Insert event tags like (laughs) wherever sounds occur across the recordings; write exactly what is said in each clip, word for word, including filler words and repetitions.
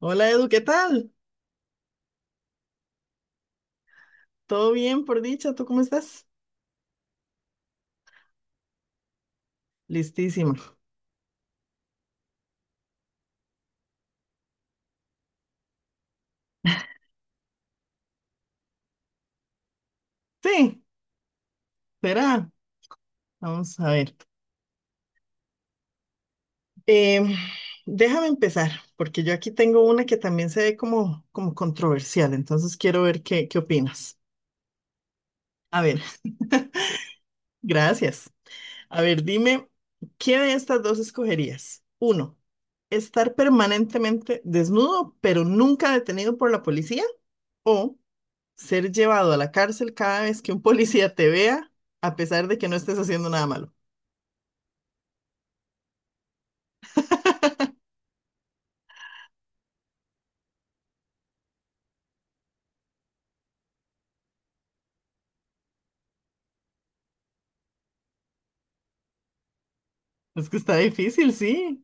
Hola Edu, ¿qué tal? ¿Todo bien por dicha? ¿Tú cómo estás? Listísima. Sí, verá. Vamos a ver. Em, déjame empezar, porque yo aquí tengo una que también se ve como, como controversial, entonces quiero ver qué, qué opinas. A ver, (laughs) gracias. A ver, dime, ¿qué de estas dos escogerías? Uno, estar permanentemente desnudo, pero nunca detenido por la policía, o ser llevado a la cárcel cada vez que un policía te vea, a pesar de que no estés haciendo nada malo. Es que está difícil, sí.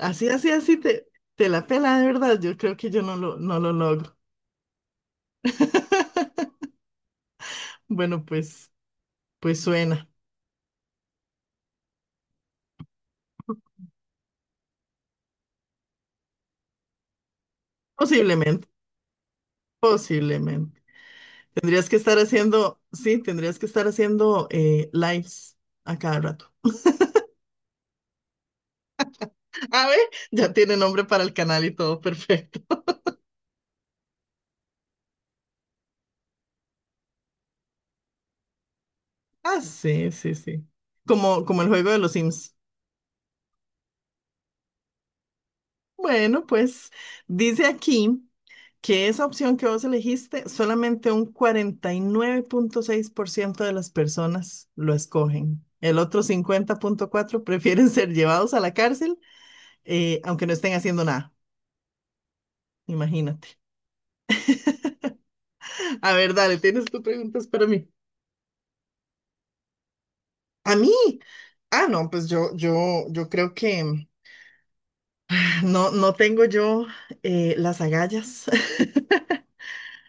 Así, así, así te, te la pela de verdad. Yo creo que yo no lo, no lo logro. (laughs) Bueno, pues, pues suena. Posiblemente, posiblemente. Tendrías que estar haciendo, sí, tendrías que estar haciendo eh, lives a cada rato. A ver, ya tiene nombre para el canal y todo, (laughs) perfecto. Ah, sí, sí, sí. Como, como el juego de los Sims. Bueno, pues dice aquí que esa opción que vos elegiste, solamente un cuarenta y nueve punto seis por ciento de las personas lo escogen. El otro cincuenta punto cuatro por ciento prefieren (laughs) ser llevados a la cárcel, eh, aunque no estén haciendo nada. Imagínate. A ver, dale, tienes tus preguntas para mí. A mí. Ah, no, pues yo, yo, yo creo que no, no tengo yo eh, las agallas. (laughs)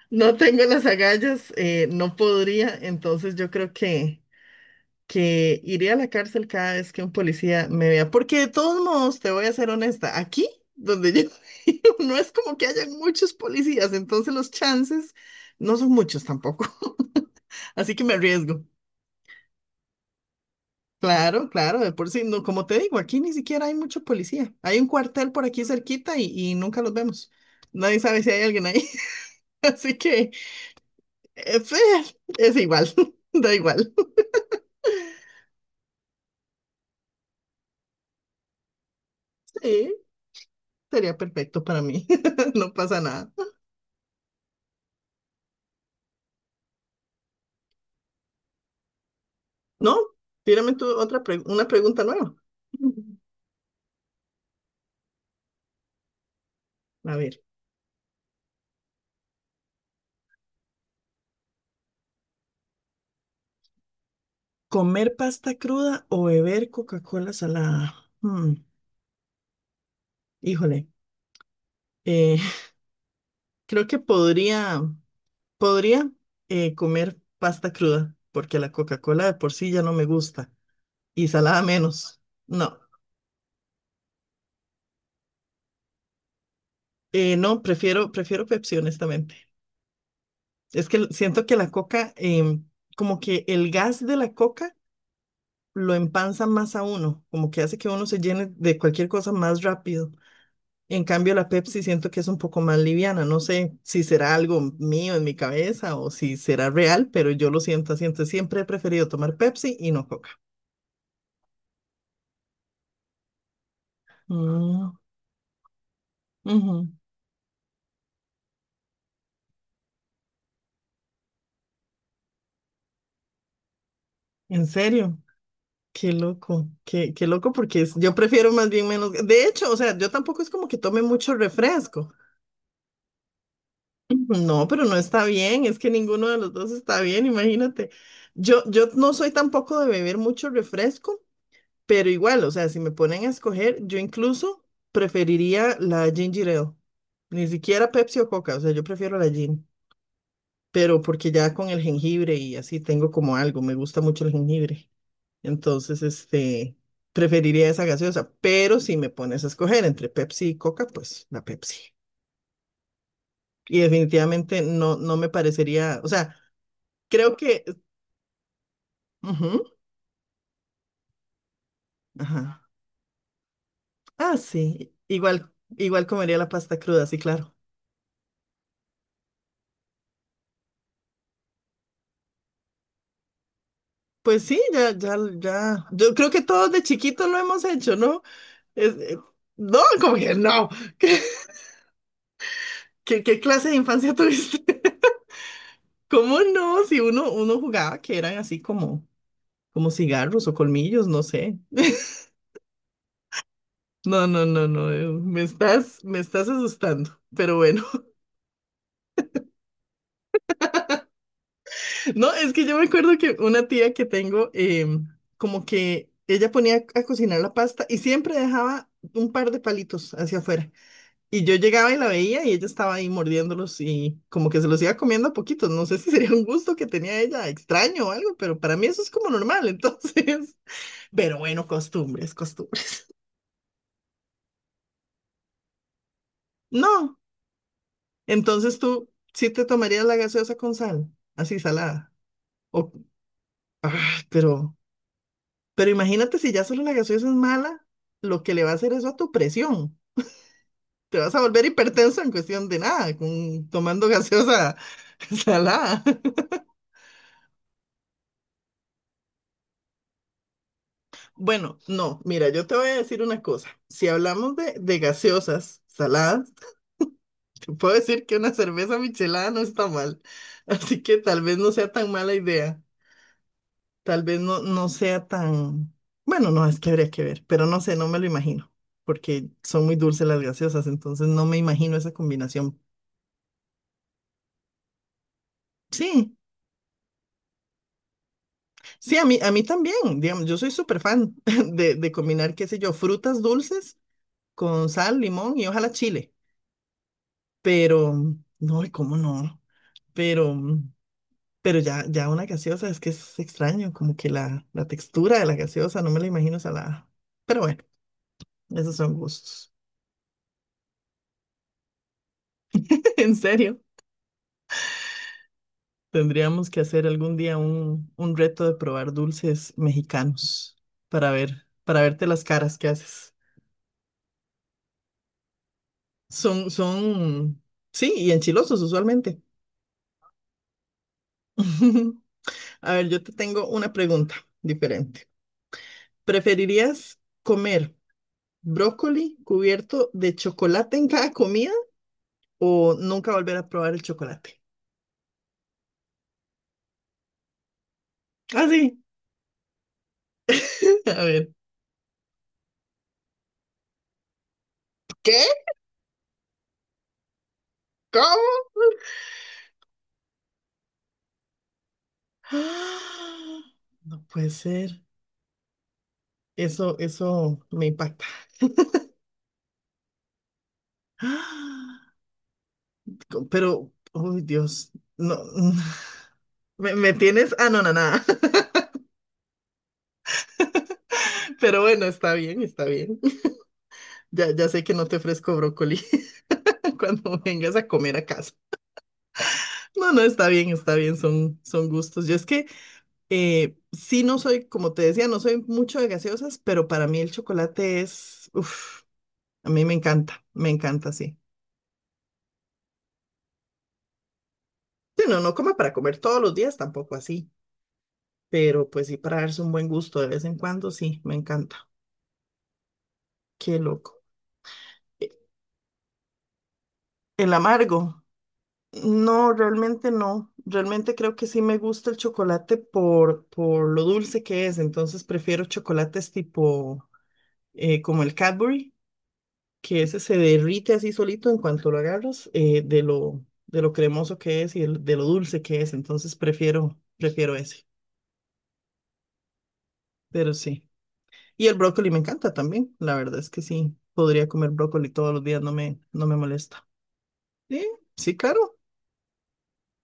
No tengo las agallas, eh, no podría, entonces yo creo que que iré a la cárcel cada vez que un policía me vea. Porque de todos modos, te voy a ser honesta, aquí donde yo (laughs) vivo, no es como que hayan muchos policías, entonces los chances no son muchos tampoco. (laughs) Así que me arriesgo. Claro, claro, de por sí, no, como te digo, aquí ni siquiera hay mucho policía. Hay un cuartel por aquí cerquita y, y nunca los vemos. Nadie sabe si hay alguien ahí. (laughs) Así que eh, fe, es igual, (laughs) da igual. Sí, sería perfecto para mí. (laughs) No pasa nada. No, tírame tú otra pre- una pregunta nueva. A ver, ¿comer pasta cruda o beber Coca-Cola salada? Hmm, híjole, eh, (laughs) creo que podría, podría eh, comer pasta cruda, porque la Coca-Cola de por sí ya no me gusta y salada menos. No, eh, no, prefiero, prefiero Pepsi, honestamente. Es que siento que la Coca, em, como que el gas de la Coca lo empanza más a uno, como que hace que uno se llene de cualquier cosa más rápido. En cambio, la Pepsi siento que es un poco más liviana. No sé si será algo mío en mi cabeza o si será real, pero yo lo siento así. Entonces, siempre he preferido tomar Pepsi y no Coca. Mm, ujú. ¿En serio? Qué loco, qué, qué loco, porque es- yo prefiero más bien menos. De hecho, o sea, yo tampoco es como que tome mucho refresco. No, pero no está bien, es que ninguno de los dos está bien, imagínate. Yo, yo no soy tampoco de beber mucho refresco, pero igual, o sea, si me ponen a escoger, yo incluso preferiría la ginger ale. Ni siquiera Pepsi o Coca, o sea, yo prefiero la gin. Pero porque ya con el jengibre y así tengo como algo, me gusta mucho el jengibre. Entonces, este, preferiría esa gaseosa. Pero si me pones a escoger entre Pepsi y Coca, pues la Pepsi. Y definitivamente no, no me parecería, o sea, creo que... ujú, ajá. Ah, sí, igual, igual comería la pasta cruda, sí, claro. Pues sí, ya, ya, ya. Yo creo que todos de chiquitos lo hemos hecho, ¿no? Es- eh, no, como que no. (laughs) ¿Qué, qué- qué clase de infancia tuviste? (laughs) ¿Cómo no? Si uno, uno jugaba que eran así como, como cigarros o colmillos, no sé. No, no, no, no. eh, Me estás, me estás asustando. Pero bueno. (laughs) No, es que yo me acuerdo que una tía que tengo, em, como que ella ponía a cocinar la pasta y siempre dejaba un par de palitos hacia afuera. Y yo llegaba y la veía y ella estaba ahí mordiéndolos y como que se los iba comiendo a poquitos. No sé si sería un gusto que tenía ella, extraño o algo, pero para mí eso es como normal, (laughs) entonces. Pero bueno, costumbres, costumbres. No, entonces tú sí te tomarías la gaseosa con sal, así salada. O, ah, pero, pero imagínate si ya solo la gaseosa es mala, lo que le va a hacer eso a tu presión. Te vas a volver hipertenso en cuestión de nada, con, tomando gaseosa (laughs) salada. Bueno, no, mira, yo te voy a decir una cosa. Si hablamos de, de gaseosas saladas, te puedo decir que una cerveza michelada no está mal. (laughs) Así que tal vez no sea tan mala idea. Tal vez no, no sea tan... Bueno, no, es que habría que ver, pero no sé, no me lo imagino, porque son muy dulces las gaseosas, entonces no me imagino esa combinación. Sí, sí, a mí, a mí también, digamos, yo soy súper fan (laughs) de, de combinar, qué sé yo, frutas dulces con sal, limón y ojalá chile. pero, no, y cómo no, pero, pero ya, ya una gaseosa es que es extraño, como que la, la textura de la gaseosa, no me la imagino salada. Pero bueno, esos son gustos. (laughs) En serio, tendríamos que hacer algún día un, un reto de probar dulces mexicanos para ver, para verte las caras que haces. Son, son, sí, y enchilosos usualmente. (laughs) A ver, yo te tengo una pregunta diferente. ¿Preferirías comer brócoli cubierto de chocolate en cada comida o nunca volver a probar el chocolate? Así. (laughs) A ver. ¿Qué? ¿Cómo? (gasps) No puede ser. Eso, eso me impacta. (gasps) co- Pero, uy, Dios, no, (laughs) me, me tienes anonadada. (laughs) Pero bueno, está bien, está bien. Ya, ya sé que no te ofrezco brócoli (laughs) cuando vengas a comer a casa. No, no, está bien, está bien, son, son gustos. Yo es que Eh, sí, no soy, como te decía, no soy mucho de gaseosas, pero para mí el chocolate es, uff, a mí me encanta, me encanta, sí. Sí, no, no come para comer todos los días, tampoco así, pero pues sí, para darse un buen gusto de vez en cuando, sí, me encanta. Qué loco. Eh, El amargo, no, realmente no. Realmente creo que sí me gusta el chocolate por, por lo dulce que es, entonces prefiero chocolates tipo eh, como el Cadbury que ese se derrite así solito en cuanto lo agarras, eh, de lo, de lo cremoso que es y el- de lo dulce que es. Entonces prefiero, prefiero ese, pero sí. Y el brócoli me encanta también. La verdad es que sí, podría comer brócoli todos los días, no me, no me molesta. Sí, sí, claro,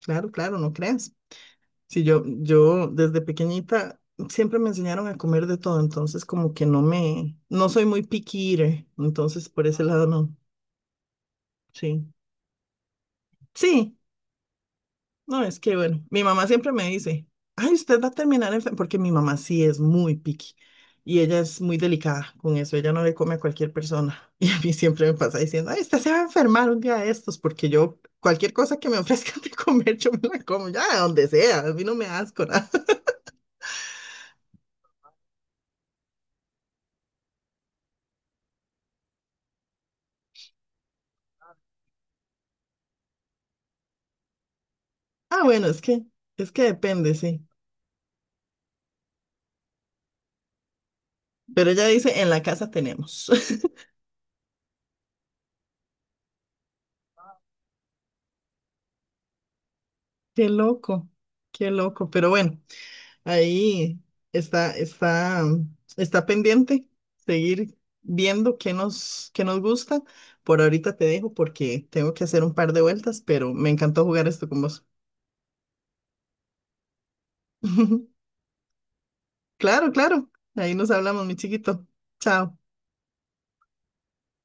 claro, claro, no creas. Sí, yo, yo desde pequeñita siempre me enseñaron a comer de todo, entonces como que no me, no soy muy picky eater, entonces por ese lado no, sí. Sí, no, es que bueno, mi mamá siempre me dice, ay, usted va a terminar enferma, porque mi mamá sí es muy picky y ella es muy delicada con eso, ella no le come a cualquier persona (laughs) y a mí siempre me pasa diciendo, ay, usted se va a enfermar un día de estos, porque yo cualquier cosa que me ofrezcan de comer, yo me la como, ya, de donde sea, a mí no me da asco nada. (laughs) Ah, bueno, es que, es que depende, sí, pero ella dice, en la casa tenemos. (laughs) Qué loco, qué loco, pero bueno. Ahí está, está, está pendiente seguir viendo qué nos, qué nos gusta. Por ahorita te dejo porque tengo que hacer un par de vueltas, pero me encantó jugar esto con vos. (laughs) Claro, claro. Ahí nos hablamos, mi chiquito. Chao.